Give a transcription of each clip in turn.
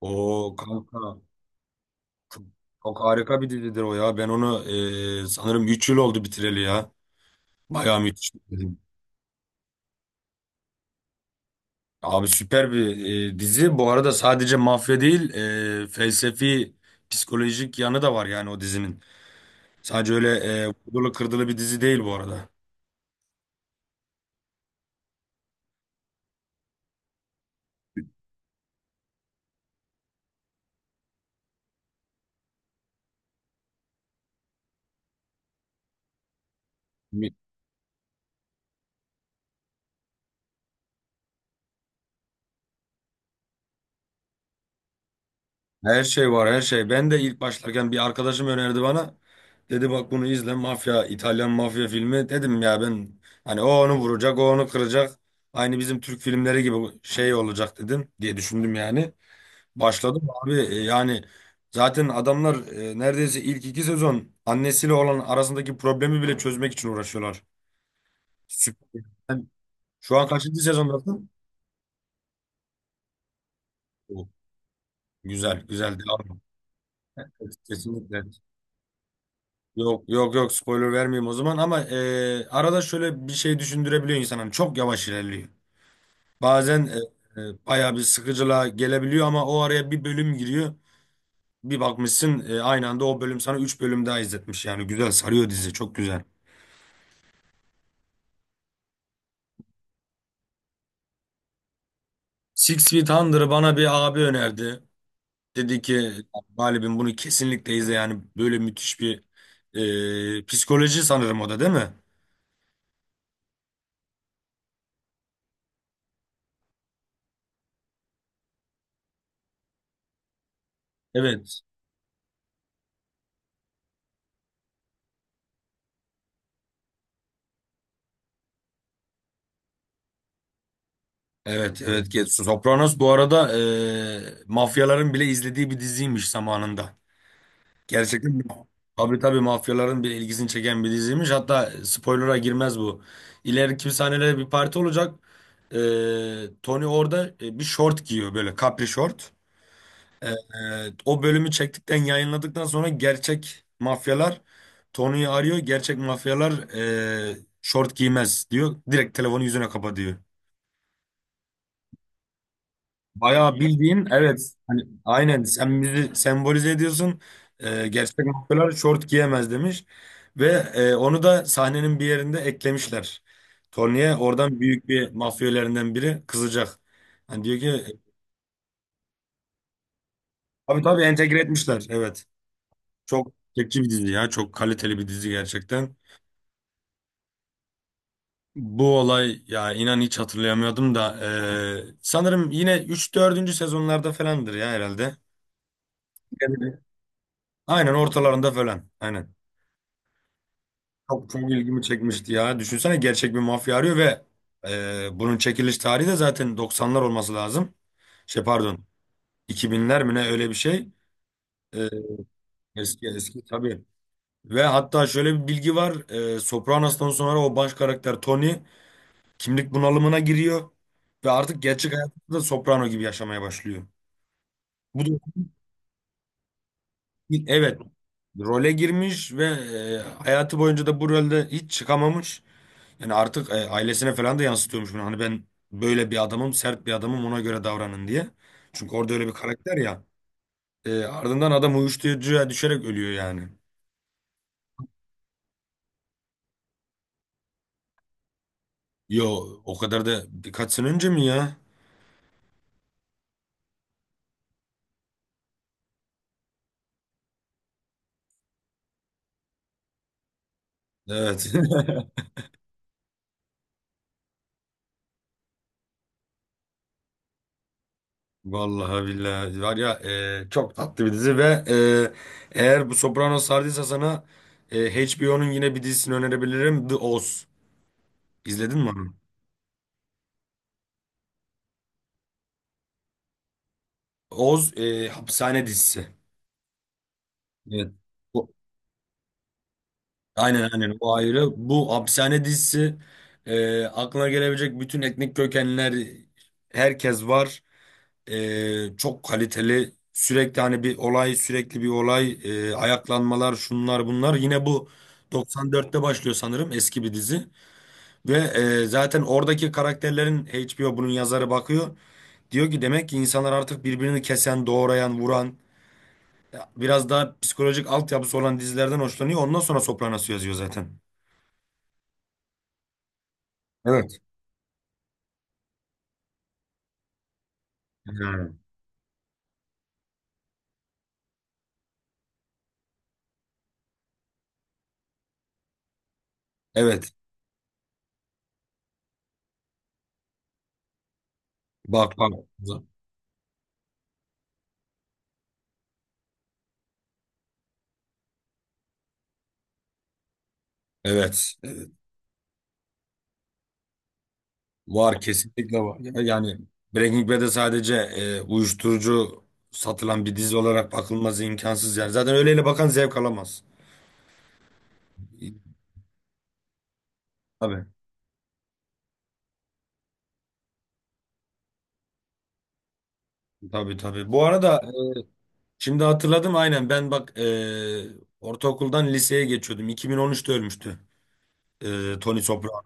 O kanka çok, çok harika bir dizidir o ya. Ben onu sanırım 3 yıl oldu bitireli ya. Bayağı müthiş bir dizi. Abi süper bir dizi. Bu arada sadece mafya değil, felsefi, psikolojik yanı da var yani o dizinin. Sadece öyle vurdulu kırdılı bir dizi değil bu arada. Her şey var her şey. Ben de ilk başlarken bir arkadaşım önerdi bana. Dedi bak bunu izle, mafya, İtalyan mafya filmi. Dedim ya ben hani o onu vuracak, o onu kıracak. Aynı bizim Türk filmleri gibi şey olacak dedim diye düşündüm yani. Başladım abi, yani zaten adamlar neredeyse ilk 2 sezon annesiyle olan arasındaki problemi bile çözmek için uğraşıyorlar. Süper. Sen şu an kaçıncı sezondasın? Oo, güzel güzel devam. Et, kesinlikle. Yok, yok, yok, spoiler vermeyeyim o zaman, ama arada şöyle bir şey düşündürebiliyor. İnsanın çok yavaş ilerliyor. Bazen bayağı bir sıkıcılığa gelebiliyor, ama o araya bir bölüm giriyor. Bir bakmışsın aynı anda o bölüm sana 3 bölüm daha izletmiş. Yani güzel sarıyor dizi, çok güzel. Six Feet Under'ı bana bir abi önerdi. Dedi ki galibim bunu kesinlikle izle, yani böyle müthiş bir psikoloji, sanırım o da, değil mi? Evet. Evet, evet Getsu. Sopranos bu arada mafyaların bile izlediği bir diziymiş zamanında. Gerçekten mi? Tabii, tabii, mafyaların bile ilgisini çeken bir diziymiş. Hatta spoiler'a girmez bu. İleriki sahnelerde bir parti olacak. E, Tony orada bir şort giyiyor, böyle capri şort. E, e, o bölümü çektikten, yayınladıktan sonra gerçek mafyalar Tony'yi arıyor. Gerçek mafyalar e, şort giymez diyor. Direkt telefonu yüzüne kapa diyor. Bayağı bildiğin, evet, hani aynen sen bizi sembolize ediyorsun. Gerçek mafyalar şort giyemez demiş. Ve onu da sahnenin bir yerinde eklemişler. Tony'ye oradan büyük bir mafyalerinden biri kızacak. Hani diyor ki, tabii tabii entegre etmişler. Evet. Çok çekici bir dizi ya. Çok kaliteli bir dizi gerçekten. Bu olay, ya inan hiç hatırlayamıyordum da sanırım yine üç dördüncü sezonlarda falandır ya herhalde. Evet. Aynen ortalarında falan. Aynen. Çok çok ilgimi çekmişti ya. Düşünsene, gerçek bir mafya arıyor. Ve bunun çekiliş tarihi de zaten 90'lar olması lazım. Şey, pardon, 2000'ler mi, ne, öyle bir şey. E, Eski, eski tabii. Ve hatta şöyle bir bilgi var. Sopranos'tan sonra o baş karakter Tony kimlik bunalımına giriyor. Ve artık gerçek hayatında da Soprano gibi yaşamaya başlıyor. Bu da, evet, role girmiş. Ve e, hayatı boyunca da bu rolde hiç çıkamamış. Yani artık ailesine falan da yansıtıyormuş bunu. Hani, ben böyle bir adamım, sert bir adamım, ona göre davranın diye. Çünkü orada öyle bir karakter ya. Ardından adam uyuşturucuya düşerek ölüyor yani. Yo, o kadar da birkaç sene önce mi ya? Evet. Vallahi billahi var ya, çok tatlı bir dizi. Ve eğer bu Sopranos sardıysa sana, HBO'nun yine bir dizisini önerebilirim. The Oz. İzledin mi onu? Oz hapishane dizisi. Evet. Aynen, aynen, o ayrı. Bu hapishane dizisi, aklına gelebilecek bütün etnik kökenler, herkes var. Çok kaliteli. Sürekli hani bir olay, sürekli bir olay, ayaklanmalar, şunlar, bunlar. Yine bu 94'te başlıyor sanırım, eski bir dizi. Ve zaten oradaki karakterlerin, HBO bunun yazarı bakıyor. Diyor ki, demek ki insanlar artık birbirini kesen, doğrayan, vuran, biraz daha psikolojik altyapısı olan dizilerden hoşlanıyor. Ondan sonra Sopranos'u yazıyor zaten. Evet. Ha, evet. Bak, bak. Evet. Evet. Var, kesinlikle var. Yani Breaking Bad'e sadece uyuşturucu satılan bir dizi olarak bakılması imkansız yani. Zaten öyleyle bakan zevk alamaz. Tabii. Tabii, tabii. Bu arada şimdi hatırladım. Aynen, ben bak, ortaokuldan liseye geçiyordum. 2013'te ölmüştü. Tony Soprano.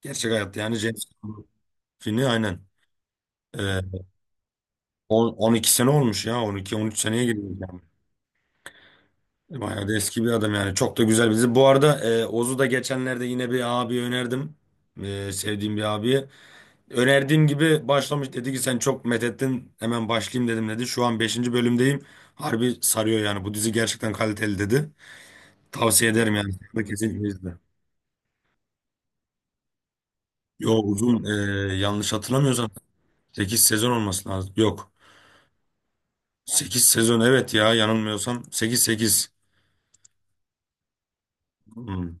Gerçek hayatta yani James Cameron filmi aynen. E, 12 sene olmuş ya, 12-13 seneye geliyor. Bayağı da eski bir adam yani. Çok da güzel bizi. Bu arada Oz'u da geçenlerde yine bir abiye önerdim. Sevdiğim bir abiye. Önerdiğim gibi başlamış. Dedi ki, sen çok methettin, hemen başlayayım dedim, dedi. Şu an beşinci bölümdeyim. Harbi sarıyor yani. Bu dizi gerçekten kaliteli, dedi. Tavsiye ederim yani. Sen de kesinlikle izle. Yo, uzun. Yanlış hatırlamıyorsam 8 sezon olması lazım. Yok. 8 sezon, evet ya, yanılmıyorsam. Sekiz, sekiz. Hmm.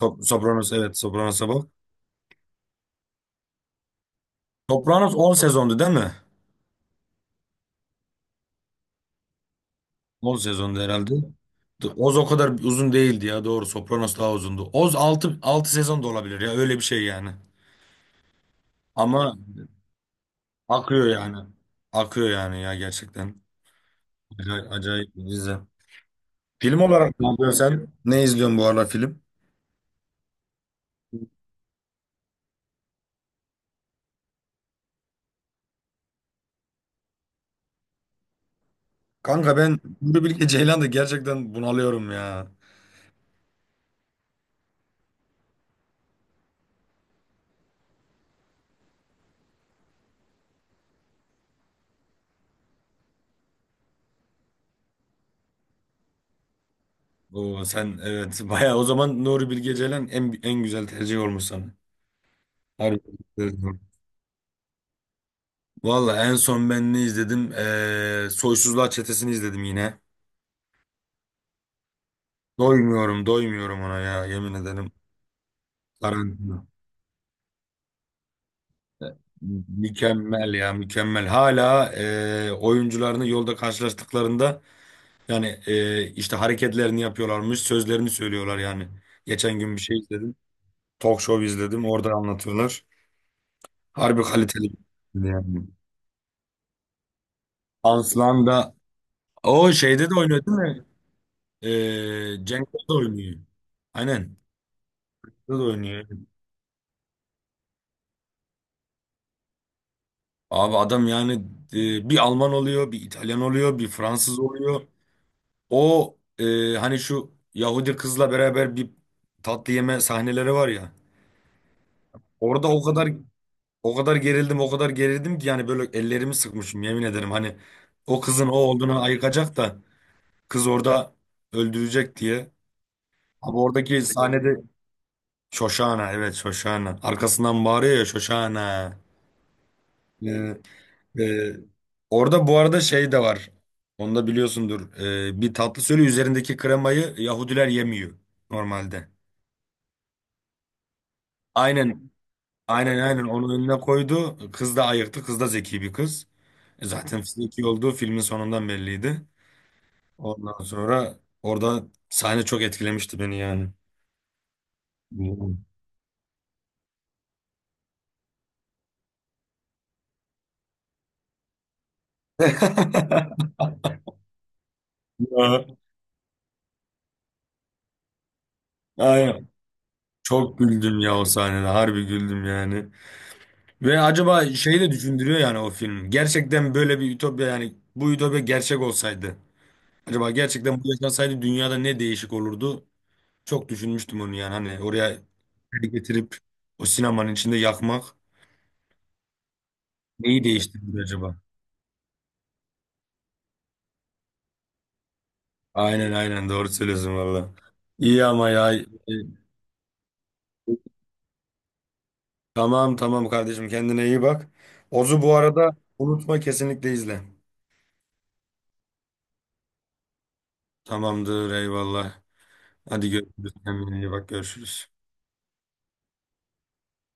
Sopranos, evet, Sopranos'a bak. Sopranos 10 sezondu, değil mi? 10 sezonda herhalde. Oz o kadar uzun değildi ya, doğru. Sopranos daha uzundu. Oz altı, 6 sezon da olabilir ya, öyle bir şey yani. Ama akıyor yani. Akıyor yani, ya gerçekten. Acayip, acayip bir dizi. Film olarak ne yapıyorsun sen? Ne izliyorsun bu ara, film? Kanka, ben Nuri Bilge Ceylan'da gerçekten bunalıyorum ya. Oo, sen, evet bayağı o zaman. Nuri Bilge Ceylan en en güzel tercih olmuş sana. Harbi. Valla en son ben ne izledim? Soysuzlar Çetesi'ni izledim yine. Doymuyorum, doymuyorum ona ya, yemin ederim. Tarantino. Mükemmel ya, mükemmel. Hala oyuncularını yolda karşılaştıklarında yani işte hareketlerini yapıyorlarmış, sözlerini söylüyorlar yani. Geçen gün bir şey izledim. Talk show izledim, orada anlatıyorlar. Harbi kaliteli. Yani. Aslan da o şeyde de oynuyor, değil mi? Cenk'te de oynuyor. Aynen. Cenk'te de oynuyor. Abi adam yani, bir Alman oluyor, bir İtalyan oluyor, bir Fransız oluyor. O hani şu Yahudi kızla beraber bir tatlı yeme sahneleri var ya. Orada o kadar, o kadar gerildim, o kadar gerildim ki, yani böyle ellerimi sıkmışım yemin ederim. Hani o kızın o olduğunu ayıkacak da, kız orada öldürecek diye. Abi oradaki sahnede, Şoşana, evet, Şoşana. Arkasından bağırıyor ya, Şoşana. Ee, e, orada bu arada şey de var. Onu da biliyorsundur. Bir tatlı, söyle, üzerindeki kremayı Yahudiler yemiyor normalde. Aynen. Aynen, aynen, onu önüne koydu. Kız da ayıktı. Kız da zeki bir kız. Zaten zeki olduğu filmin sonundan belliydi. Ondan sonra orada sahne çok etkilemişti beni yani. Hmm. Ya, aynen. Çok güldüm ya o sahnede. Harbi güldüm yani. Ve acaba şeyi de düşündürüyor yani o film. Gerçekten böyle bir ütopya, yani bu ütopya gerçek olsaydı. Acaba gerçekten bu yaşansaydı, dünyada ne değişik olurdu? Çok düşünmüştüm onu yani. Hani oraya getirip o sinemanın içinde yakmak. Neyi değiştirir acaba? Aynen, aynen, doğru söylüyorsun valla. İyi ama ya. Tamam, tamam kardeşim, kendine iyi bak. Ozu bu arada unutma, kesinlikle izle. Tamamdır, eyvallah. Hadi görüşürüz, kendine iyi bak, görüşürüz.